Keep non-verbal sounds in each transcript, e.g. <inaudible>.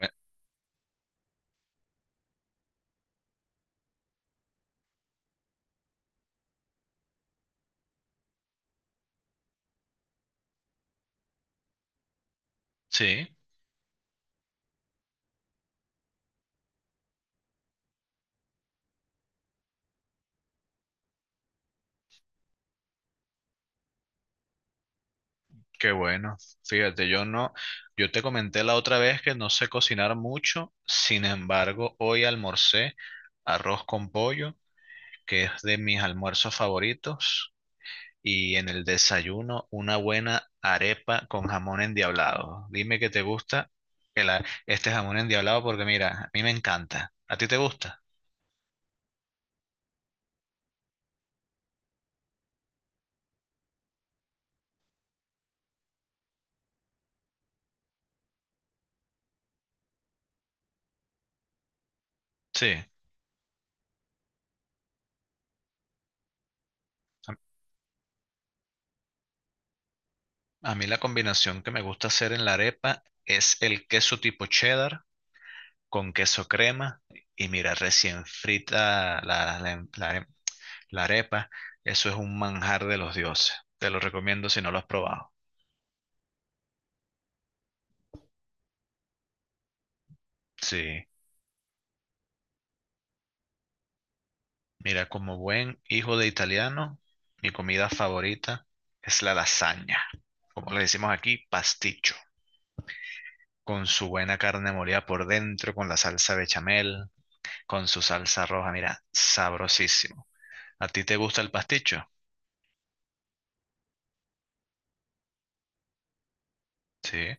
Eh, Sí, qué bueno. Fíjate, yo no, yo te comenté la otra vez que no sé cocinar mucho, sin embargo, hoy almorcé arroz con pollo, que es de mis almuerzos favoritos, y en el desayuno una buena arepa con jamón endiablado. Dime que te gusta este jamón endiablado porque mira, a mí me encanta. ¿A ti te gusta? Sí. A a mí la combinación que me gusta hacer en la arepa es el queso tipo cheddar con queso crema y mira, recién frita la arepa. Eso es un manjar de los dioses. Te lo recomiendo si no lo has probado. Sí, mira, como buen hijo de italiano, mi comida favorita es la lasaña, como le decimos aquí, pasticho, con su buena carne molida por dentro, con la salsa bechamel, con su salsa roja, mira, sabrosísimo. ¿A ti te gusta el pasticho? Sí.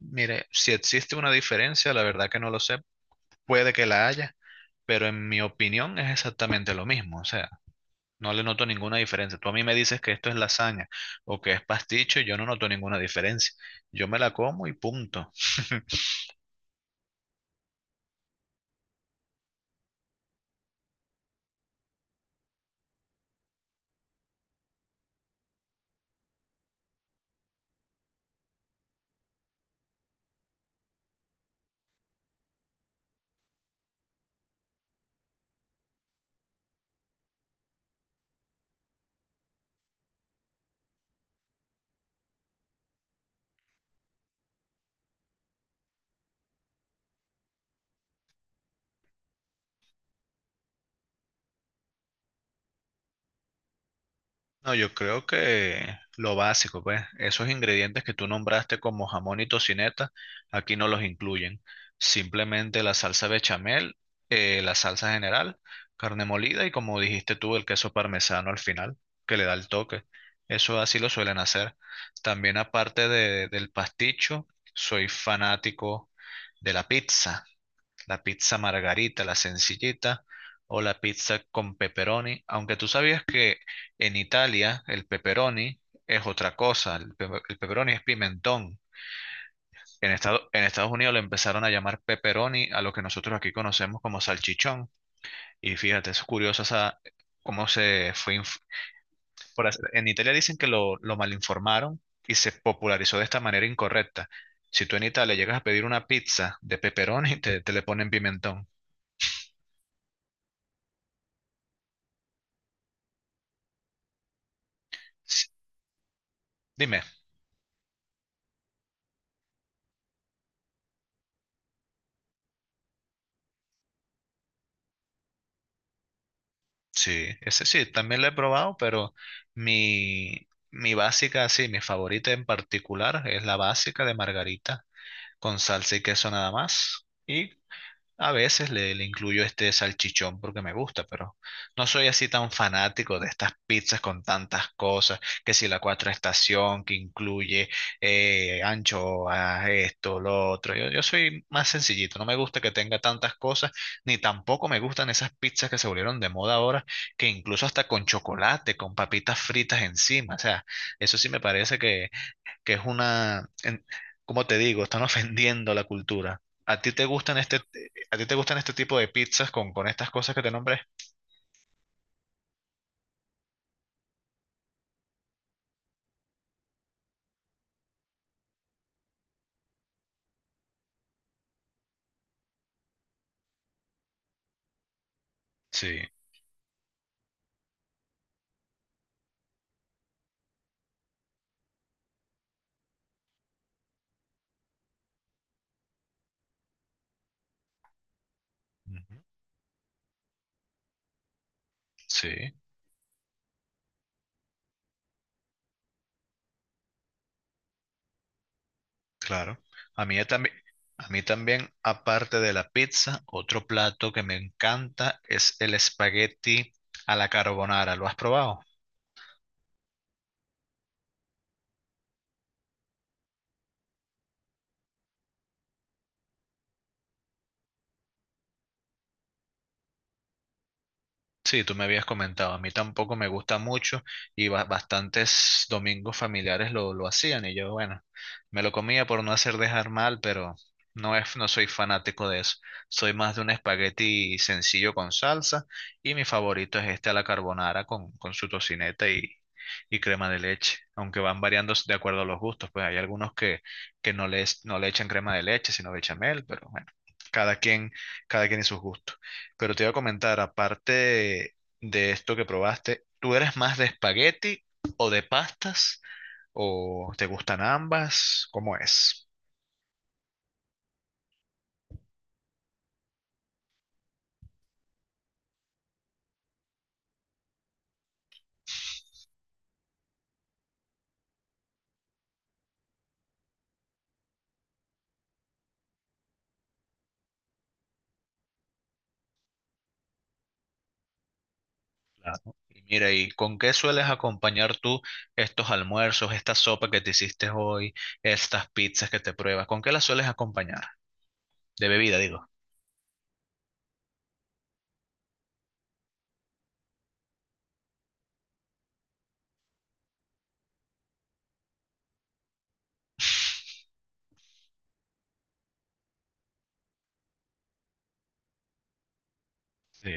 Mire, si existe una diferencia, la verdad que no lo sé, puede que la haya, pero en mi opinión es exactamente lo mismo, o sea, no le noto ninguna diferencia. Tú a mí me dices que esto es lasaña o que es pasticho y yo no noto ninguna diferencia. Yo me la como y punto. <laughs> No, yo creo que lo básico, pues, esos ingredientes que tú nombraste como jamón y tocineta, aquí no los incluyen. Simplemente la salsa bechamel, la salsa general, carne molida y como dijiste tú, el queso parmesano al final, que le da el toque. Eso así lo suelen hacer. También del pasticho, soy fanático de la pizza, la pizza margarita, la sencillita, o la pizza con pepperoni, aunque tú sabías que en Italia el pepperoni es otra cosa, el pepperoni es pimentón. En Estados Unidos le empezaron a llamar pepperoni a lo que nosotros aquí conocemos como salchichón. Y fíjate, es curioso esa, cómo se fue en Italia dicen que lo malinformaron y se popularizó de esta manera incorrecta. Si tú en Italia llegas a pedir una pizza de pepperoni, te le ponen pimentón. S- Dime, sí, ese sí, también lo he probado, pero mi básica, sí, mi favorita en particular es la básica de margarita, con salsa y queso nada más. Y a veces le incluyo este salchichón porque me gusta, pero no soy así tan fanático de estas pizzas con tantas cosas, que si la cuatro estación que incluye anchoas, esto, lo otro. Yo soy más sencillito, no me gusta que tenga tantas cosas, ni tampoco me gustan esas pizzas que se volvieron de moda ahora, que incluso hasta con chocolate, con papitas fritas encima. O sea, eso sí me parece que es una, como te digo, están <laughs> ofendiendo la cultura. ¿A ti te gustan este tipo de pizzas con estas cosas que te nombré? Sí, ujú, sí, claro. A mí también, a mí también, aparte de la pizza, otro plato que me encanta es el espagueti a la carbonara. ¿Lo has probado? Sí, tú me habías comentado, a mí tampoco me gusta mucho y bastantes domingos familiares lo hacían y yo, bueno, me lo comía por no hacer dejar mal, pero no soy fanático de eso. Soy más de un espagueti sencillo con salsa y mi favorito es este a la carbonara con su tocineta y crema de leche, aunque van variando de acuerdo a los gustos, pues hay algunos que no les, no le echan crema de leche, sino bechamel, pero bueno, cada quien, cada quien y sus gustos. Pero te iba a comentar, aparte de, esto que probaste, ¿tú eres más de espagueti o de pastas? ¿O te gustan ambas? ¿Cómo es? Claro. Y mira, ¿y con qué sueles acompañar tú estos almuerzos, esta sopa que te hiciste hoy, estas pizzas que te pruebas? ¿Con qué las sueles acompañar? De bebida, digo. Sí,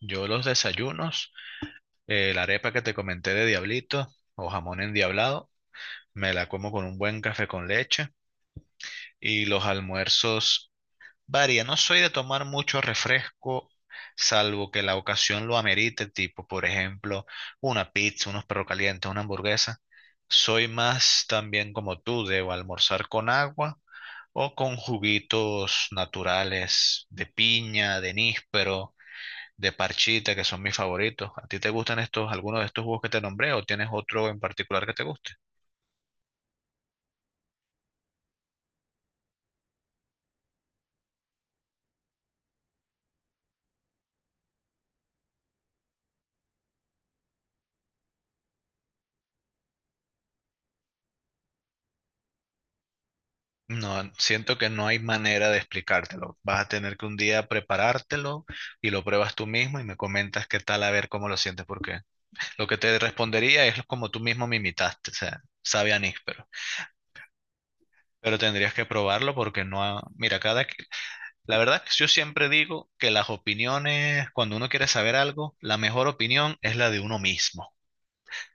yo los desayunos, la arepa que te comenté de diablito o jamón endiablado, me la como con un buen café con leche y los almuerzos varía, no soy de tomar mucho refresco, salvo que la ocasión lo amerite, tipo, por ejemplo, una pizza, unos perros calientes, una hamburguesa. Soy más también como tú, debo almorzar con agua o con juguitos naturales de piña, de níspero, de parchita, que son mis favoritos. ¿A ti te gustan estos, algunos de estos jugos que te nombré o tienes otro en particular que te guste? No, siento que no hay manera de explicártelo. Vas a tener que un día preparártelo y lo pruebas tú mismo y me comentas qué tal, a ver cómo lo sientes, porque lo que te respondería es como tú mismo me imitaste, o sea, sabe a níspero. Pero tendrías que probarlo porque no, mira, la verdad es que yo siempre digo que las opiniones, cuando uno quiere saber algo, la mejor opinión es la de uno mismo.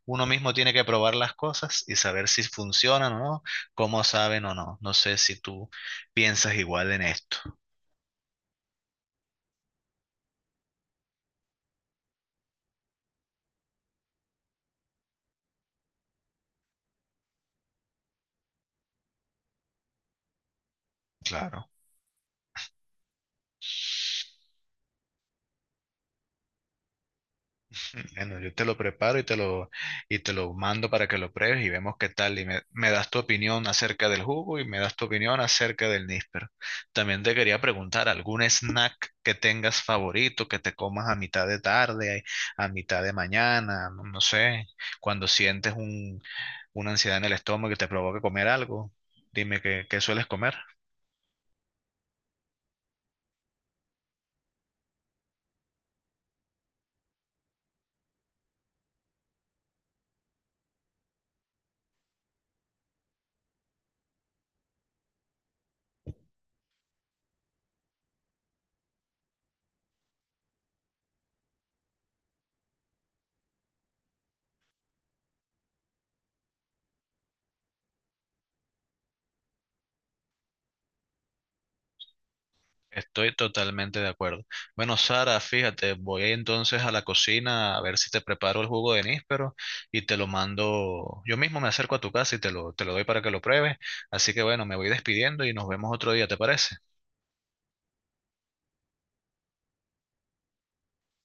Uno mismo tiene que probar las cosas y saber si funcionan o no, cómo saben o no. No sé si tú piensas igual en esto. Claro. Bueno, yo te lo preparo y y te lo mando para que lo pruebes y vemos qué tal. Y me das tu opinión acerca del jugo y me das tu opinión acerca del níspero. También te quería preguntar, ¿algún snack que tengas favorito, que te comas a mitad de tarde, a mitad de mañana, no sé, cuando sientes una ansiedad en el estómago que te provoca comer algo? Dime qué sueles comer. Estoy totalmente de acuerdo. Bueno, Sara, fíjate, voy entonces a la cocina a ver si te preparo el jugo de níspero y te lo mando. Yo mismo me acerco a tu casa y te lo doy para que lo pruebes. Así que bueno, me voy despidiendo y nos vemos otro día, ¿te parece?